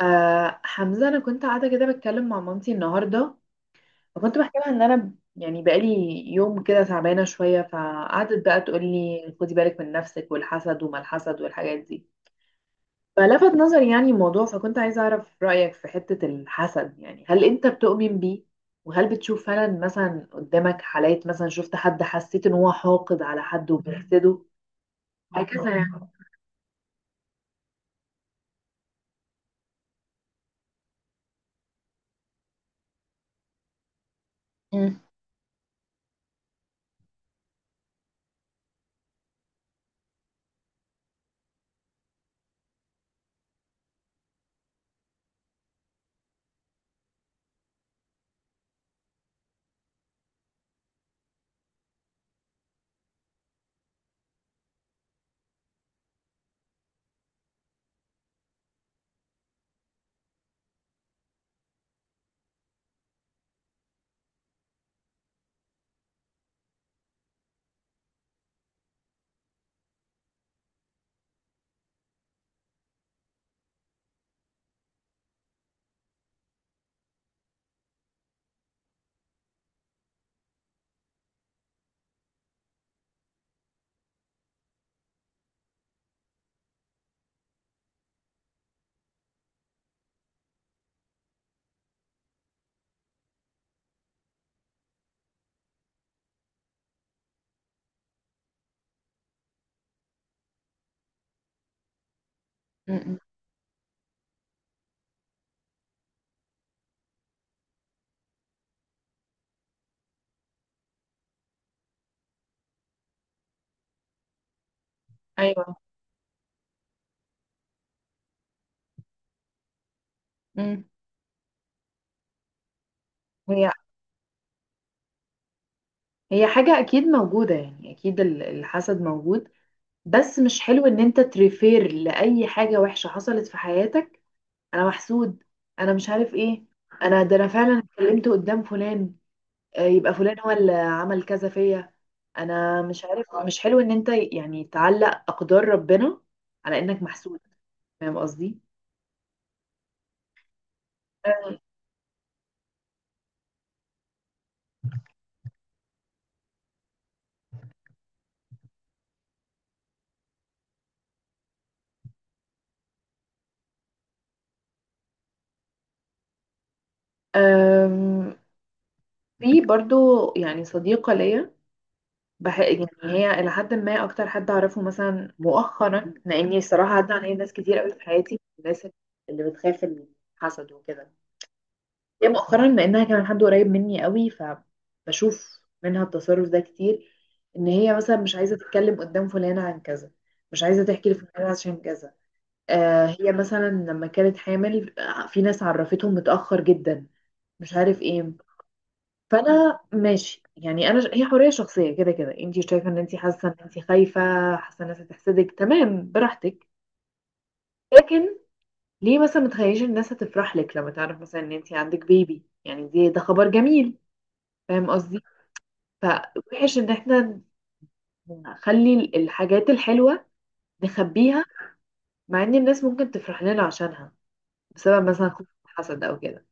آه حمزة، أنا كنت قاعدة كده بتكلم مع مامتي النهاردة. فكنت بحكي لها إن أنا بقالي يوم كده تعبانة شوية، فقعدت بقى تقول لي خدي بالك من نفسك والحسد وما الحسد والحاجات دي. فلفت نظري يعني الموضوع، فكنت عايزة أعرف رأيك في حتة الحسد. يعني هل أنت بتؤمن بيه؟ وهل بتشوف فعلا مثلا قدامك حالات، مثلا شفت حد حسيت إن هو حاقد على حد وبيحسده؟ هكذا يعني. مم. مم. أيوه. مم. هي هي حاجة أكيد موجودة، يعني أكيد الحسد موجود. بس مش حلو إن أنت تريفير لأي حاجة وحشة حصلت في حياتك: أنا محسود، أنا مش عارف إيه، أنا فعلا اتكلمت قدام فلان، آه، يبقى فلان هو اللي عمل كذا فيا، أنا مش عارف. مش حلو إن أنت يعني تعلق أقدار ربنا على إنك محسود. فاهم قصدي؟ أم، في برضو يعني صديقة ليا، يعني هي إلى حد ما أكتر حد أعرفه مثلا مؤخرا، لأني الصراحة عدى عليا ناس كتير قوي في حياتي، الناس اللي بتخاف من الحسد وكده. هي مؤخرا، لأنها كمان حد قريب مني قوي، فبشوف منها التصرف ده كتير. إن هي مثلا مش عايزة تتكلم قدام فلانة عن كذا، مش عايزة تحكي لفلانة عشان كذا، آه هي مثلا لما كانت حامل، آه، في ناس عرفتهم متأخر جدا، مش عارف ايه. فانا ماشي، يعني هي حريه شخصيه، كده كده انت شايفه ان انت حاسه ان انت خايفه، حاسه الناس هتحسدك، تمام براحتك. لكن ليه مثلا ما تخليش الناس هتفرح لك لما تعرف مثلا ان انت عندك بيبي؟ يعني ده خبر جميل. فاهم قصدي؟ فوحش ان احنا نخلي الحاجات الحلوه نخبيها، مع ان الناس ممكن تفرح لنا عشانها، بسبب مثلا خوف حسد او كده.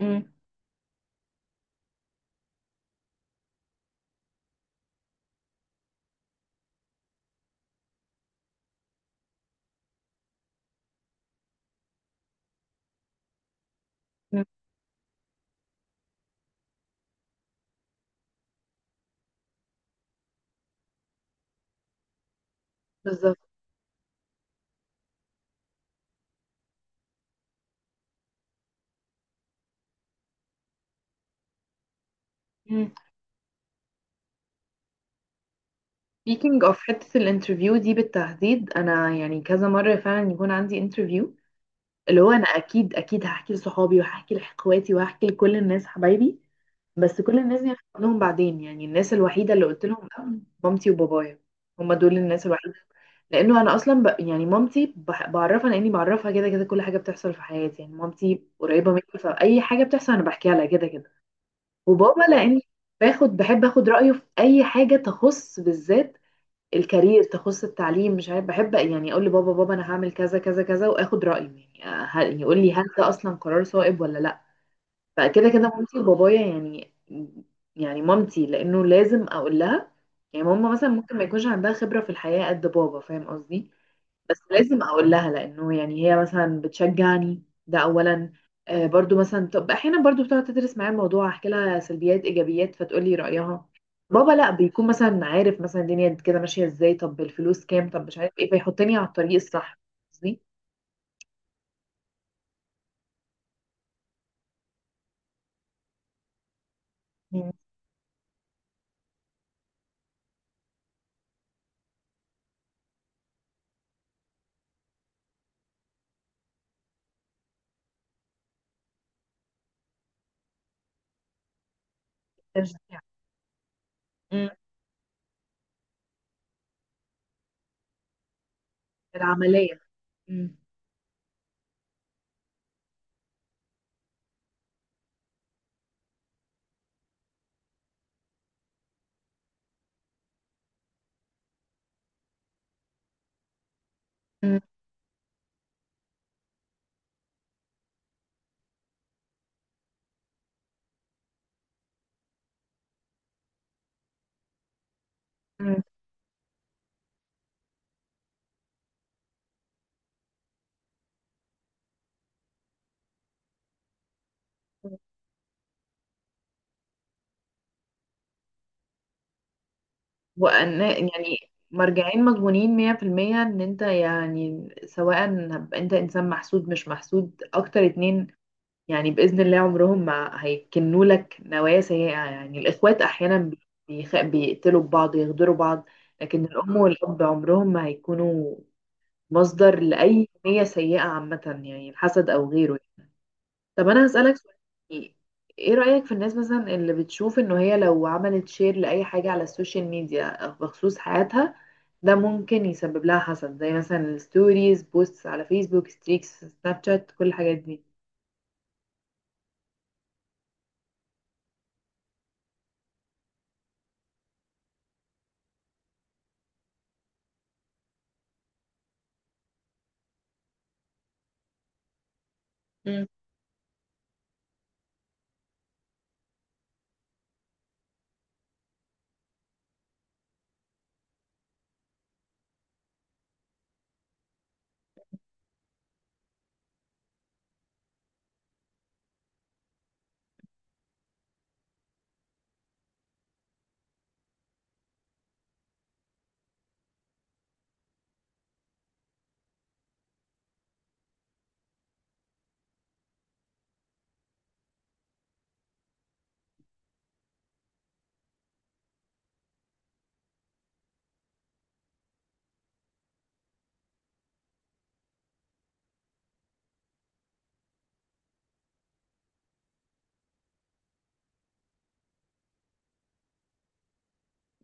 مم. مم. بالظبط. Speaking of حتة الانترفيو دي بالتحديد، انا يعني كذا مرة فعلا يكون عندي انترفيو، اللي هو انا اكيد اكيد هحكي لصحابي وهحكي لاخواتي وهحكي لكل الناس حبايبي. بس كل الناس دي أنا هحكي لهم بعدين. يعني الناس الوحيدة اللي قلت لهم لأ، مامتي وبابايا. هما دول الناس الوحيدة. لانه انا يعني مامتي بعرفها، لاني بعرفها كده كده، كل حاجه بتحصل في حياتي. يعني مامتي قريبه مني، فاي حاجه بتحصل انا بحكيها لها كده كده. وبابا لاني بحب اخد رايه في اي حاجه، تخص بالذات الكارير، تخص التعليم، مش عارف، بحب يعني اقول لبابا: بابا انا هعمل كذا كذا كذا، واخد رايه. يعني آه، هل يقول لي هل ده اصلا قرار صائب ولا لا. فكده كده مامتي وبابايا يعني. يعني مامتي لانه لازم اقول لها. يعني ماما مثلا ممكن ما يكونش عندها خبره في الحياه قد بابا، فاهم قصدي؟ بس لازم اقول لها لانه يعني هي مثلا بتشجعني، ده اولا. آه برضو مثلا، طب احيانا برضو بتقعد تدرس معايا الموضوع، احكي لها سلبيات ايجابيات فتقول لي رايها. بابا لا، بيكون مثلا عارف مثلا الدنيا كده ماشيه ازاي، طب الفلوس كام، طب مش عارف ايه، فيحطني على الطريق الصح. قصدي. مم. تشجيع. مم. العمليه. مم. مم. مم. وان يعني مرجعين مضمونين 100%، ان انت يعني سواء انت انسان محسود مش محسود، اكتر اتنين. يعني بإذن الله عمرهم ما هيكنوا لك نوايا سيئة. يعني الإخوات أحيانا بيقتلوا بعض، يغدروا بعض، لكن الأم والأب عمرهم ما هيكونوا مصدر لأي نية سيئة عامة، يعني الحسد أو غيره. طب أنا هسألك سؤال، يعني إيه رأيك في الناس مثلا اللي بتشوف إنه هي لو عملت شير لأي حاجة على السوشيال ميديا بخصوص حياتها، ده ممكن يسبب لها حسد، زي مثلا الستوريز، بوستس على فيسبوك، ستريكس سناب شات، كل الحاجات دي؟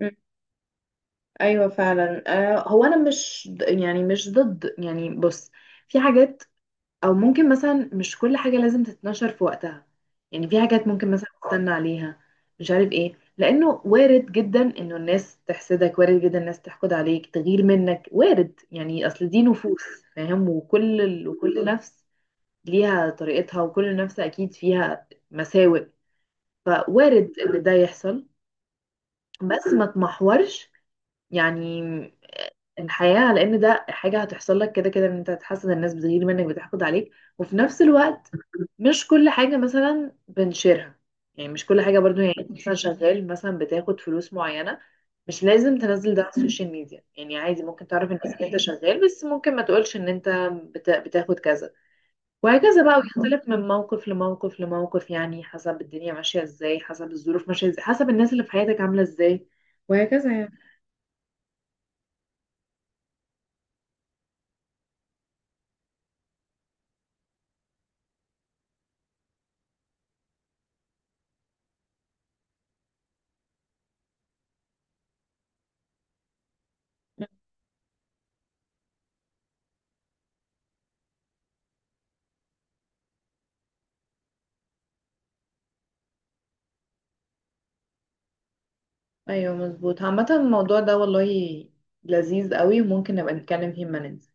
مم. ايوه فعلا. آه هو انا مش ض- يعني مش ضد، يعني بص، في حاجات، او ممكن مثلا مش كل حاجه لازم تتنشر في وقتها. يعني في حاجات ممكن مثلا تستنى عليها، مش عارف ايه، لانه وارد جدا انه الناس تحسدك، وارد جدا الناس تحقد عليك، تغير منك، وارد، يعني اصل دي نفوس، فاهم؟ وكل نفس ليها طريقتها، وكل نفس اكيد فيها مساوئ، فوارد ان ده يحصل. بس ما تمحورش يعني الحياة، لأن ده حاجة هتحصل لك كده كده، إن أنت هتحسد، الناس بتغير منك بتحقد عليك. وفي نفس الوقت مش كل حاجة مثلا بنشيرها. يعني مش كل حاجة برضو، يعني أنت مثلا شغال، مثلا بتاخد فلوس معينة، مش لازم تنزل ده على السوشيال ميديا. يعني عادي ممكن تعرف الناس إن أنت شغال، بس ممكن ما تقولش إن أنت بتاخد كذا. وهكذا بقى، ويختلف من موقف لموقف لموقف. يعني حسب الدنيا ماشية إزاي، حسب الظروف ماشية إزاي، حسب الناس اللي في حياتك عاملة إزاي، وهكذا يعني. ايوه مظبوط. عامة الموضوع ده والله لذيذ قوي، وممكن نبقى نتكلم فيه لما ننزل.